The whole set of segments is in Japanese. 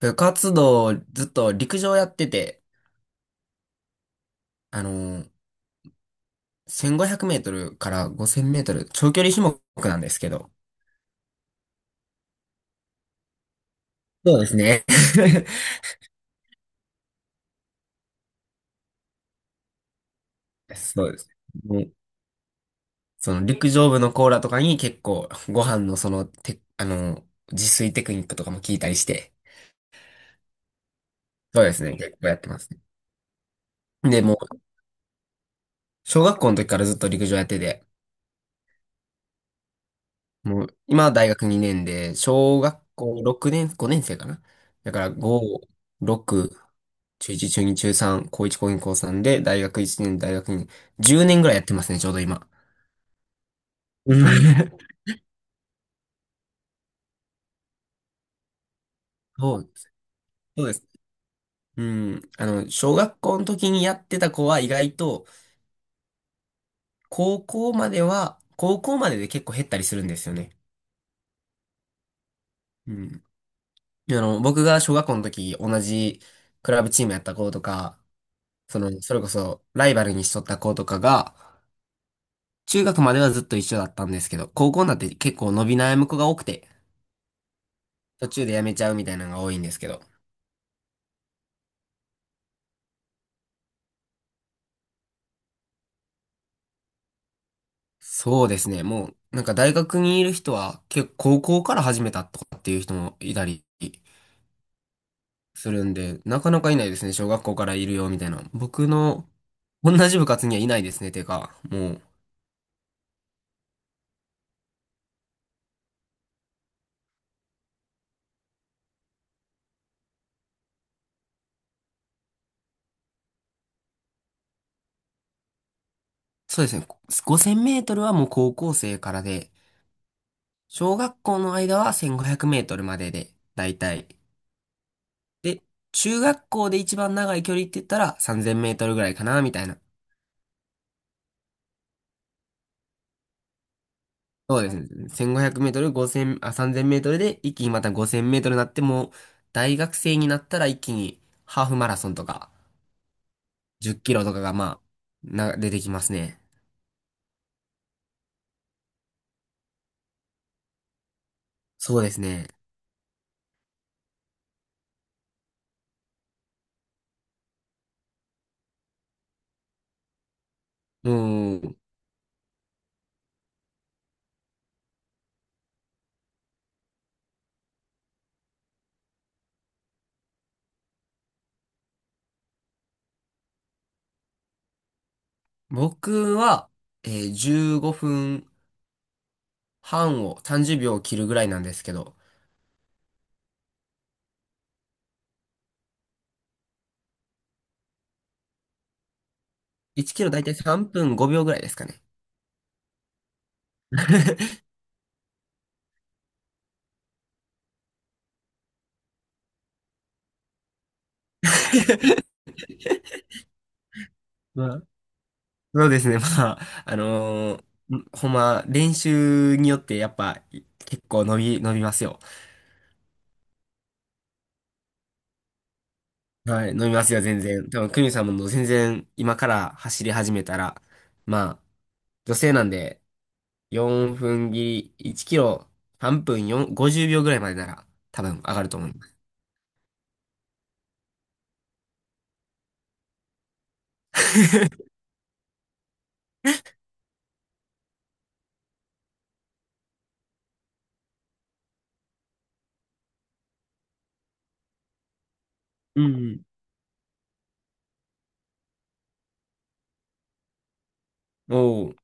部活動、ずっと陸上やってて、あのー、1500メートルから5000メートル、長距離種目なんですけど。そうですね。そうです。もうその陸上部のコーラとかに結構ご飯のそのて、あのー、自炊テクニックとかも聞いたりして。そうですね。結構やってますね。で、もう、小学校の時からずっと陸上やってて、もう、今は大学2年で、小学校6年、5年生かな。だから5、6、中1、中2、中3、高1、高2、高3で、大学1年、大学2年、10年ぐらいやってますね、ちょうど今。うん そう、そうです。うん。あの、小学校の時にやってた子は意外と、高校までで結構減ったりするんですよね。うん。あの、僕が小学校の時、同じクラブチームやった子とか、その、それこそ、ライバルにしとった子とかが、中学まではずっと一緒だったんですけど、高校になって結構伸び悩む子が多くて、途中で辞めちゃうみたいなのが多いんですけど。そうですね。もう、なんか大学にいる人は、結構高校から始めたとかっていう人もいたりするんで、なかなかいないですね。小学校からいるよみたいな。僕の同じ部活にはいないですね。てか、もう、そうですね。5000メートルはもう高校生からで、小学校の間は1500メートルまでで、だいたいで、中学校で一番長い距離って言ったら3000メートルぐらいかな、みたいな。そうですね。1500メートル、5 0あ、3000メートルで一気にまた5000メートルになってもう、大学生になったら一気にハーフマラソンとか、10キロとかがまあ、出てきますね。そうですね。もう、僕は、15分半を30秒を切るぐらいなんですけど、1キロだいたい3分5秒ぐらいですかね。まあ、そうですね。まあ、あのーほんま、練習によってやっぱい結構伸びますよ。はい、伸びますよ、全然。多分、クミさんも全然今から走り始めたら、まあ、女性なんで、4分切り、1キロ、半分4、50秒ぐらいまでなら、多分上がると思います。うんうん。おう、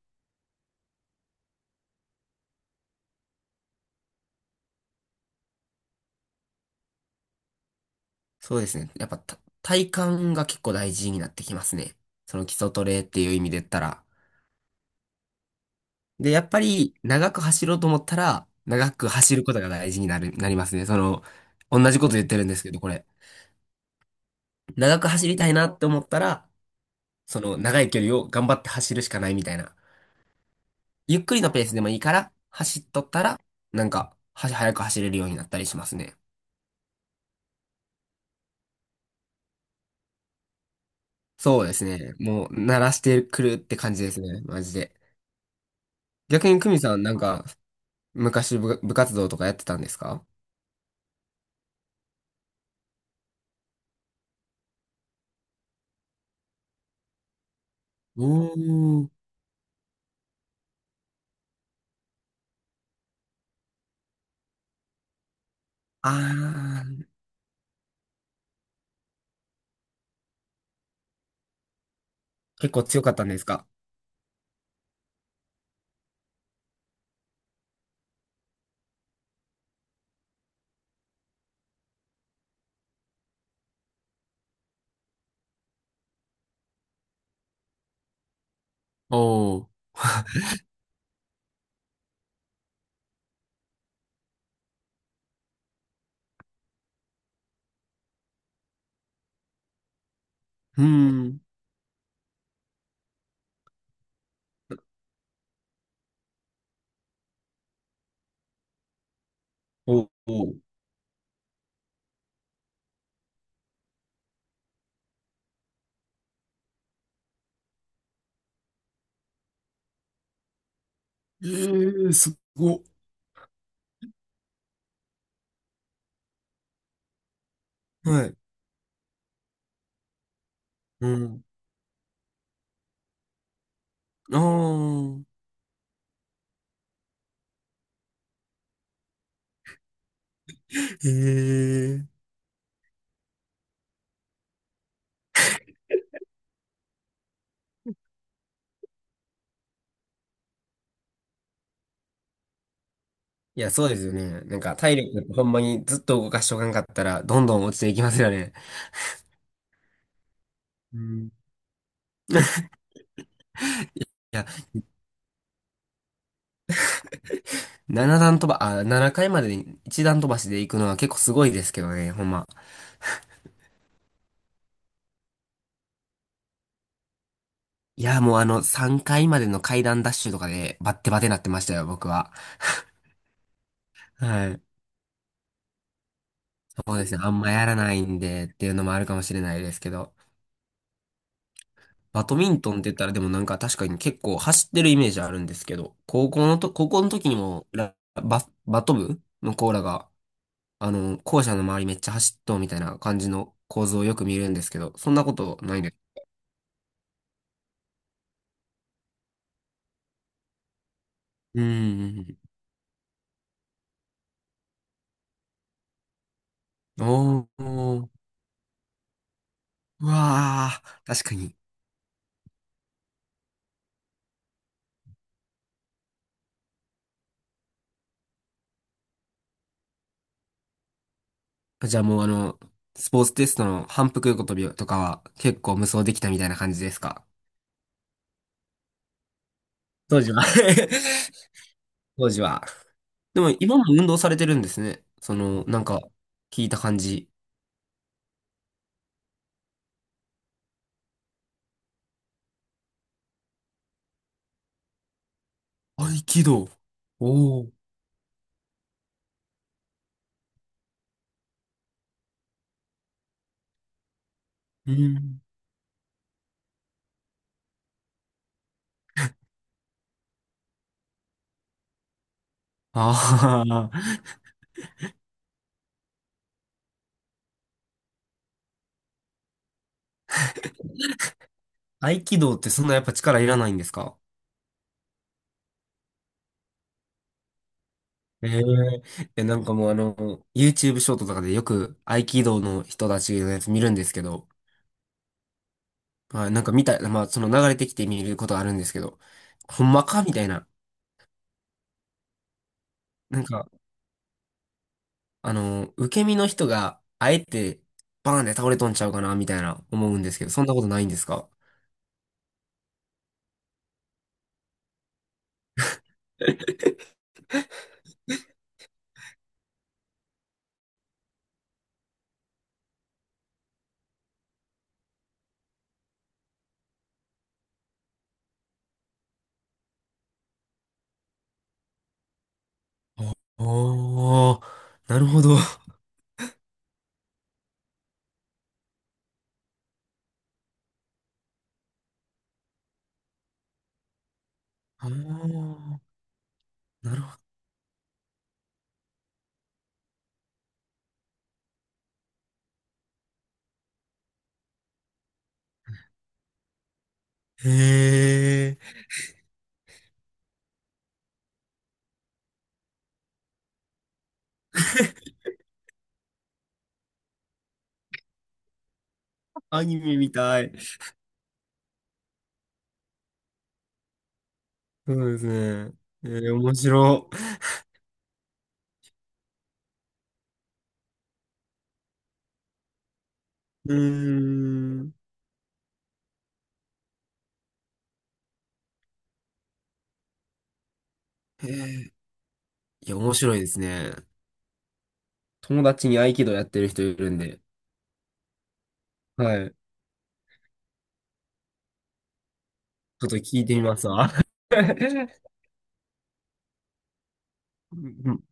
そうですね。やっぱた体幹が結構大事になってきますね。その基礎トレっていう意味で言ったら。で、やっぱり長く走ろうと思ったら、長く走ることが大事になりますね。その、同じこと言ってるんですけど、これ。長く走りたいなって思ったら、その長い距離を頑張って走るしかないみたいな。ゆっくりのペースでもいいから、走っとったら、なんか、早く走れるようになったりしますね。そうですね。もう、慣らしてくるって感じですね。マジで。逆に、久美さん、なんか、昔部活動とかやってたんですか？おー。あー、結構強かったんですか？おー。うん。おお。ええ、すごっ。はい。うん。ああ。へえ。いや、そうですよね。なんか、体力ってほんまにずっと動かしとかんかったら、どんどん落ちていきますよね。うん。いや、7段飛ば、あ、7回までに1段飛ばしで行くのは結構すごいですけどね、ほんま。いや、もうあの、3回までの階段ダッシュとかで、バッテバテなってましたよ、僕は。はい。そうですね。あんまやらないんで、っていうのもあるかもしれないですけど。バドミントンって言ったらでもなんか確かに結構走ってるイメージあるんですけど、高校の時にもバト部のコーラが、あの、校舎の周りめっちゃ走っとうみたいな感じの構造をよく見るんですけど、そんなことないね。うーん。おー、うわー、確かに。じゃあもうあの、スポーツテストの反復横跳びとかは結構無双できたみたいな感じですか？当時は。 当時は。でも今も運動されてるんですね。その、なんか、聞いた感じ。合気道。おお。うん。ああ。合気道ってそんなやっぱ力いらないんですか？えええ、なんかもうあの、YouTube ショートとかでよく合気道の人たちのやつ見るんですけど、はい、なんかまあその流れてきて見ることあるんですけど、ほんまかみたいな。なんか、あの、受け身の人があえてバーンで倒れとんちゃうかなみたいな思うんですけど、そんなことないんですか？おおー、なるほど。あー、なるほど。へえ、アニメみたい。そうですね。面白。うーん。へえ、いや、面白いですね。友達に合気道やってる人いるんで、はい。ちょっと聞いてみますわ。うん